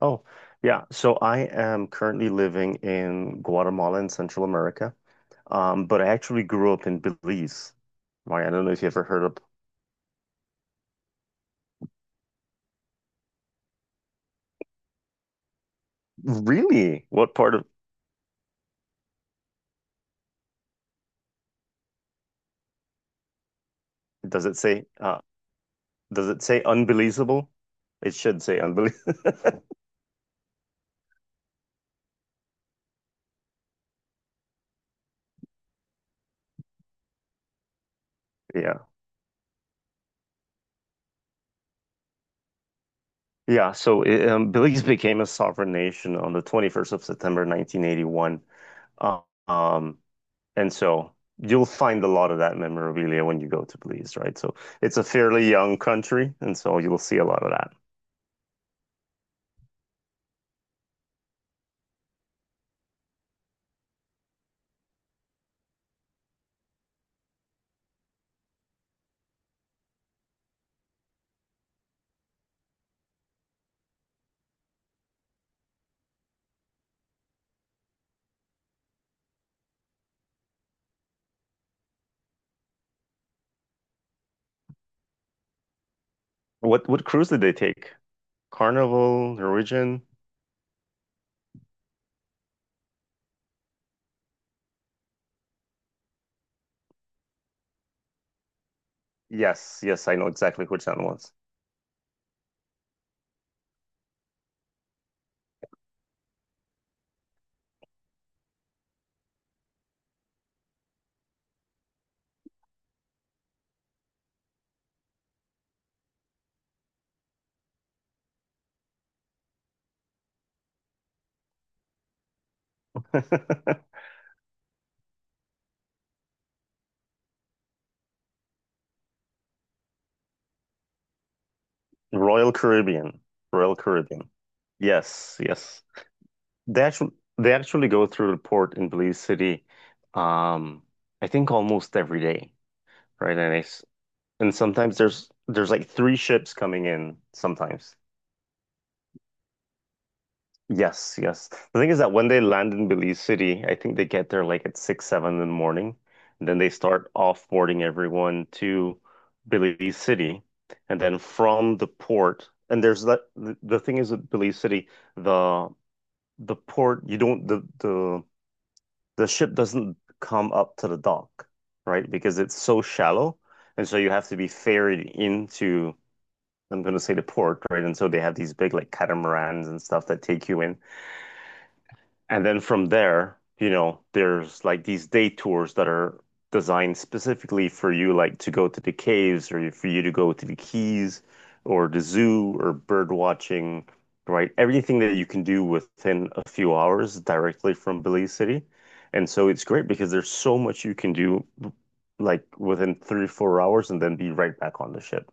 Oh, yeah. So I am currently living in Guatemala in Central America. But I actually grew up in Belize, right? I don't know if you ever heard of really what part of does it say uh does it say unbelievable? It should say unbelievable. Yeah. Yeah, so Belize became a sovereign nation on the 21st of September 1981. Um, And so you'll find a lot of that memorabilia when you go to Belize, right? So it's a fairly young country, and so you'll see a lot of that. What cruise did they take? Carnival, Norwegian? Yes, yes, I know exactly which that was. Royal Caribbean. Royal Caribbean. Yes, yes. They actually they actually go through the port in Belize City, um, I think almost every day, right? And sometimes there's like three ships coming in sometimes. Yes, yes. The thing is that when they land in Belize City, I think they get there like at six, seven in the morning. And then they start offboarding everyone to Belize City. And then from the port, and there's that the thing is with Belize City, the the port, you don't the ship doesn't come up to the dock, right? Because it's so shallow. And so you have to be ferried into, I'm going to say, the port, right? And so they have these big like catamarans and stuff that take you in. And then from there, you know, there's like these day tours that are designed specifically for you, like to go to the caves or for you to go to the keys or the zoo or bird watching, right? Everything that you can do within a few hours directly from Belize City. And so it's great because there's so much you can do like within three, 4 hours and then be right back on the ship.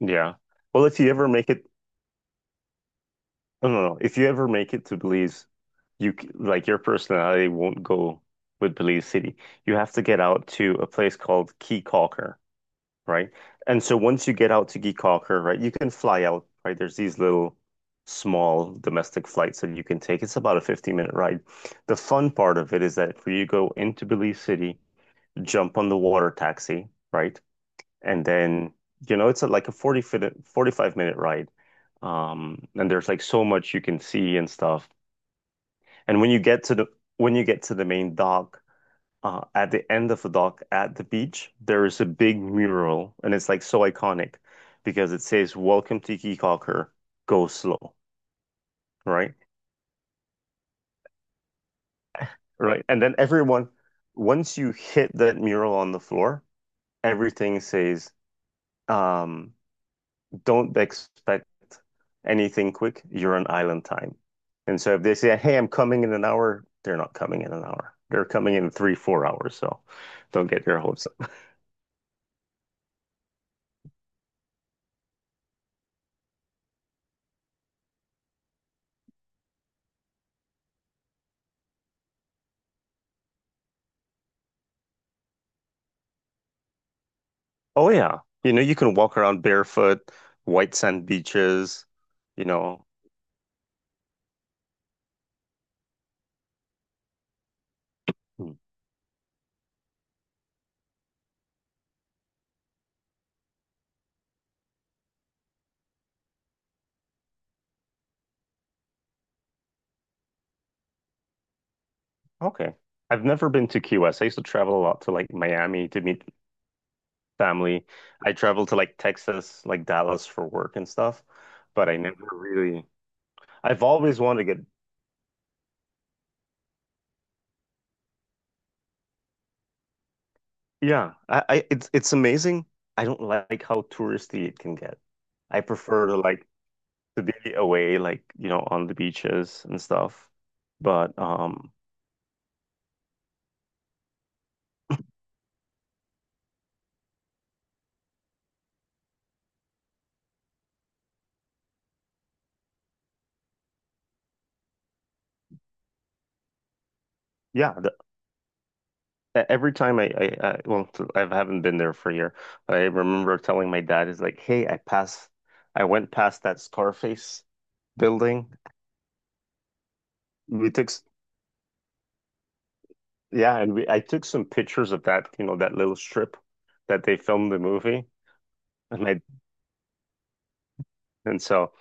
Yeah. Well, if you ever make it no. If you ever make it to Belize, like your personality won't go with Belize City. You have to get out to a place called Key Calker, right? And so once you get out to Key Calker, right, you can fly out, right? There's these little small domestic flights that you can take. It's about a 15-minute ride. The fun part of it is that for you go into Belize City, jump on the water taxi, right? And then, you know, it's a, like a 40 minute, 45-minute ride. And there's like so much you can see and stuff. And when you get to the main dock, at the end of the dock at the beach, there is a big mural, and it's like so iconic because it says "Welcome to Kikaker, go slow." Right, right. And then everyone, once you hit that mural on the floor, everything says um, don't expect anything quick. You're on island time. And so if they say, hey, I'm coming in an hour, they're not coming in an hour. They're coming in three, 4 hours. So don't get your hopes up. Oh, yeah. You know, you can walk around barefoot, white sand beaches, you know. Hmm. Okay. I've never been to Key West. I used to travel a lot to like Miami to meet family. I traveled to like Texas, like Dallas for work and stuff, but I never really, I've always wanted to get Yeah, I it's amazing. I don't like how touristy it can get. I prefer to like to be away, like you know, on the beaches and stuff. But yeah, the, every time I well, I haven't been there for a year. I remember telling my dad, is like, hey, I went past that Scarface building. We took, s- yeah, and we I took some pictures of that, you know, that little strip that they filmed the movie, and I and so.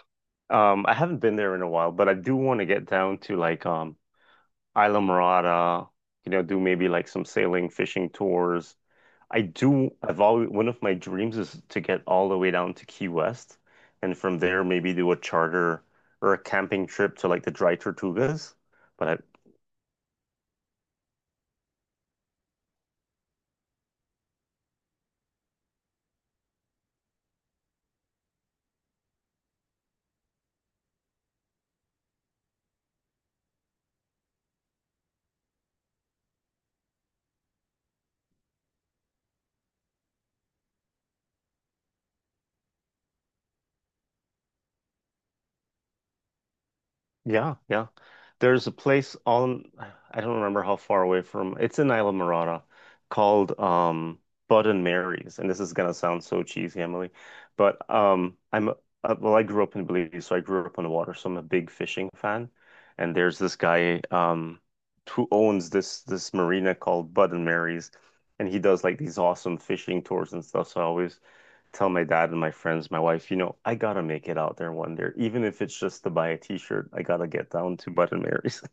I haven't been there in a while, but I do want to get down to like Isla Morada, you know, do maybe like some sailing, fishing tours. I've always, one of my dreams is to get all the way down to Key West and from there maybe do a charter or a camping trip to like the Dry Tortugas. But I, Yeah, yeah. There's a place on, I don't remember how far away from, it's in Isla Morada called Bud and Mary's. And this is gonna sound so cheesy, Emily, but I'm well, I grew up in Belize, so I grew up on the water, so I'm a big fishing fan. And there's this guy who owns this marina called Bud and Mary's, and he does like these awesome fishing tours and stuff. So I always tell my dad and my friends, my wife, you know, I gotta make it out there one day, even if it's just to buy a t-shirt. I gotta get down to Button Mary's.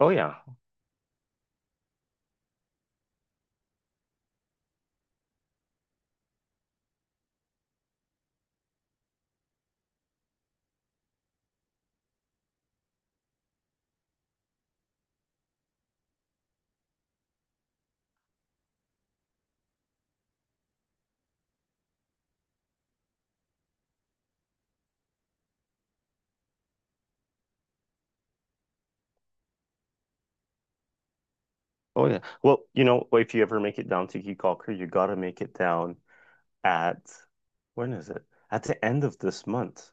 Oh yeah, oh yeah. Well, you know, if you ever make it down to Key Calker, you gotta make it down at when is it? at the end of this month,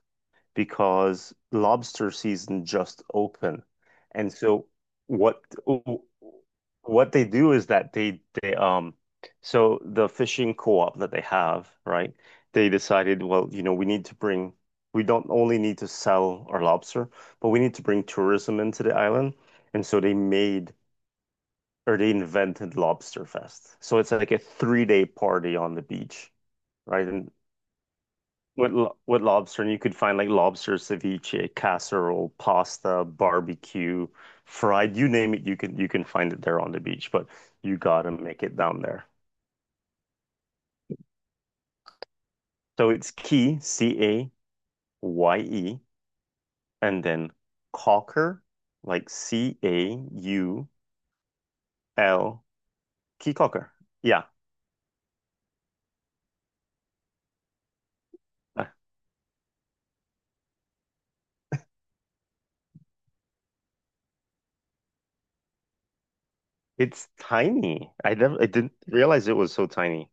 because lobster season just opened. And so what what they do is that they so the fishing co-op that they have, right? They decided, well, you know, we don't only need to sell our lobster, but we need to bring tourism into the island. And so they made or they invented Lobster Fest. So it's like a three-day party on the beach, right? And what lobster? And you could find like lobster ceviche, casserole, pasta, barbecue, fried, you name it, you can find it there on the beach, but you gotta make it down there. So it's Key, Caye, and then Cocker, like Caul, Key Cocker. Yeah. Uh, It's tiny. I didn't realize it was so tiny.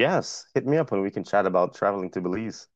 Yes, hit me up and we can chat about traveling to Belize.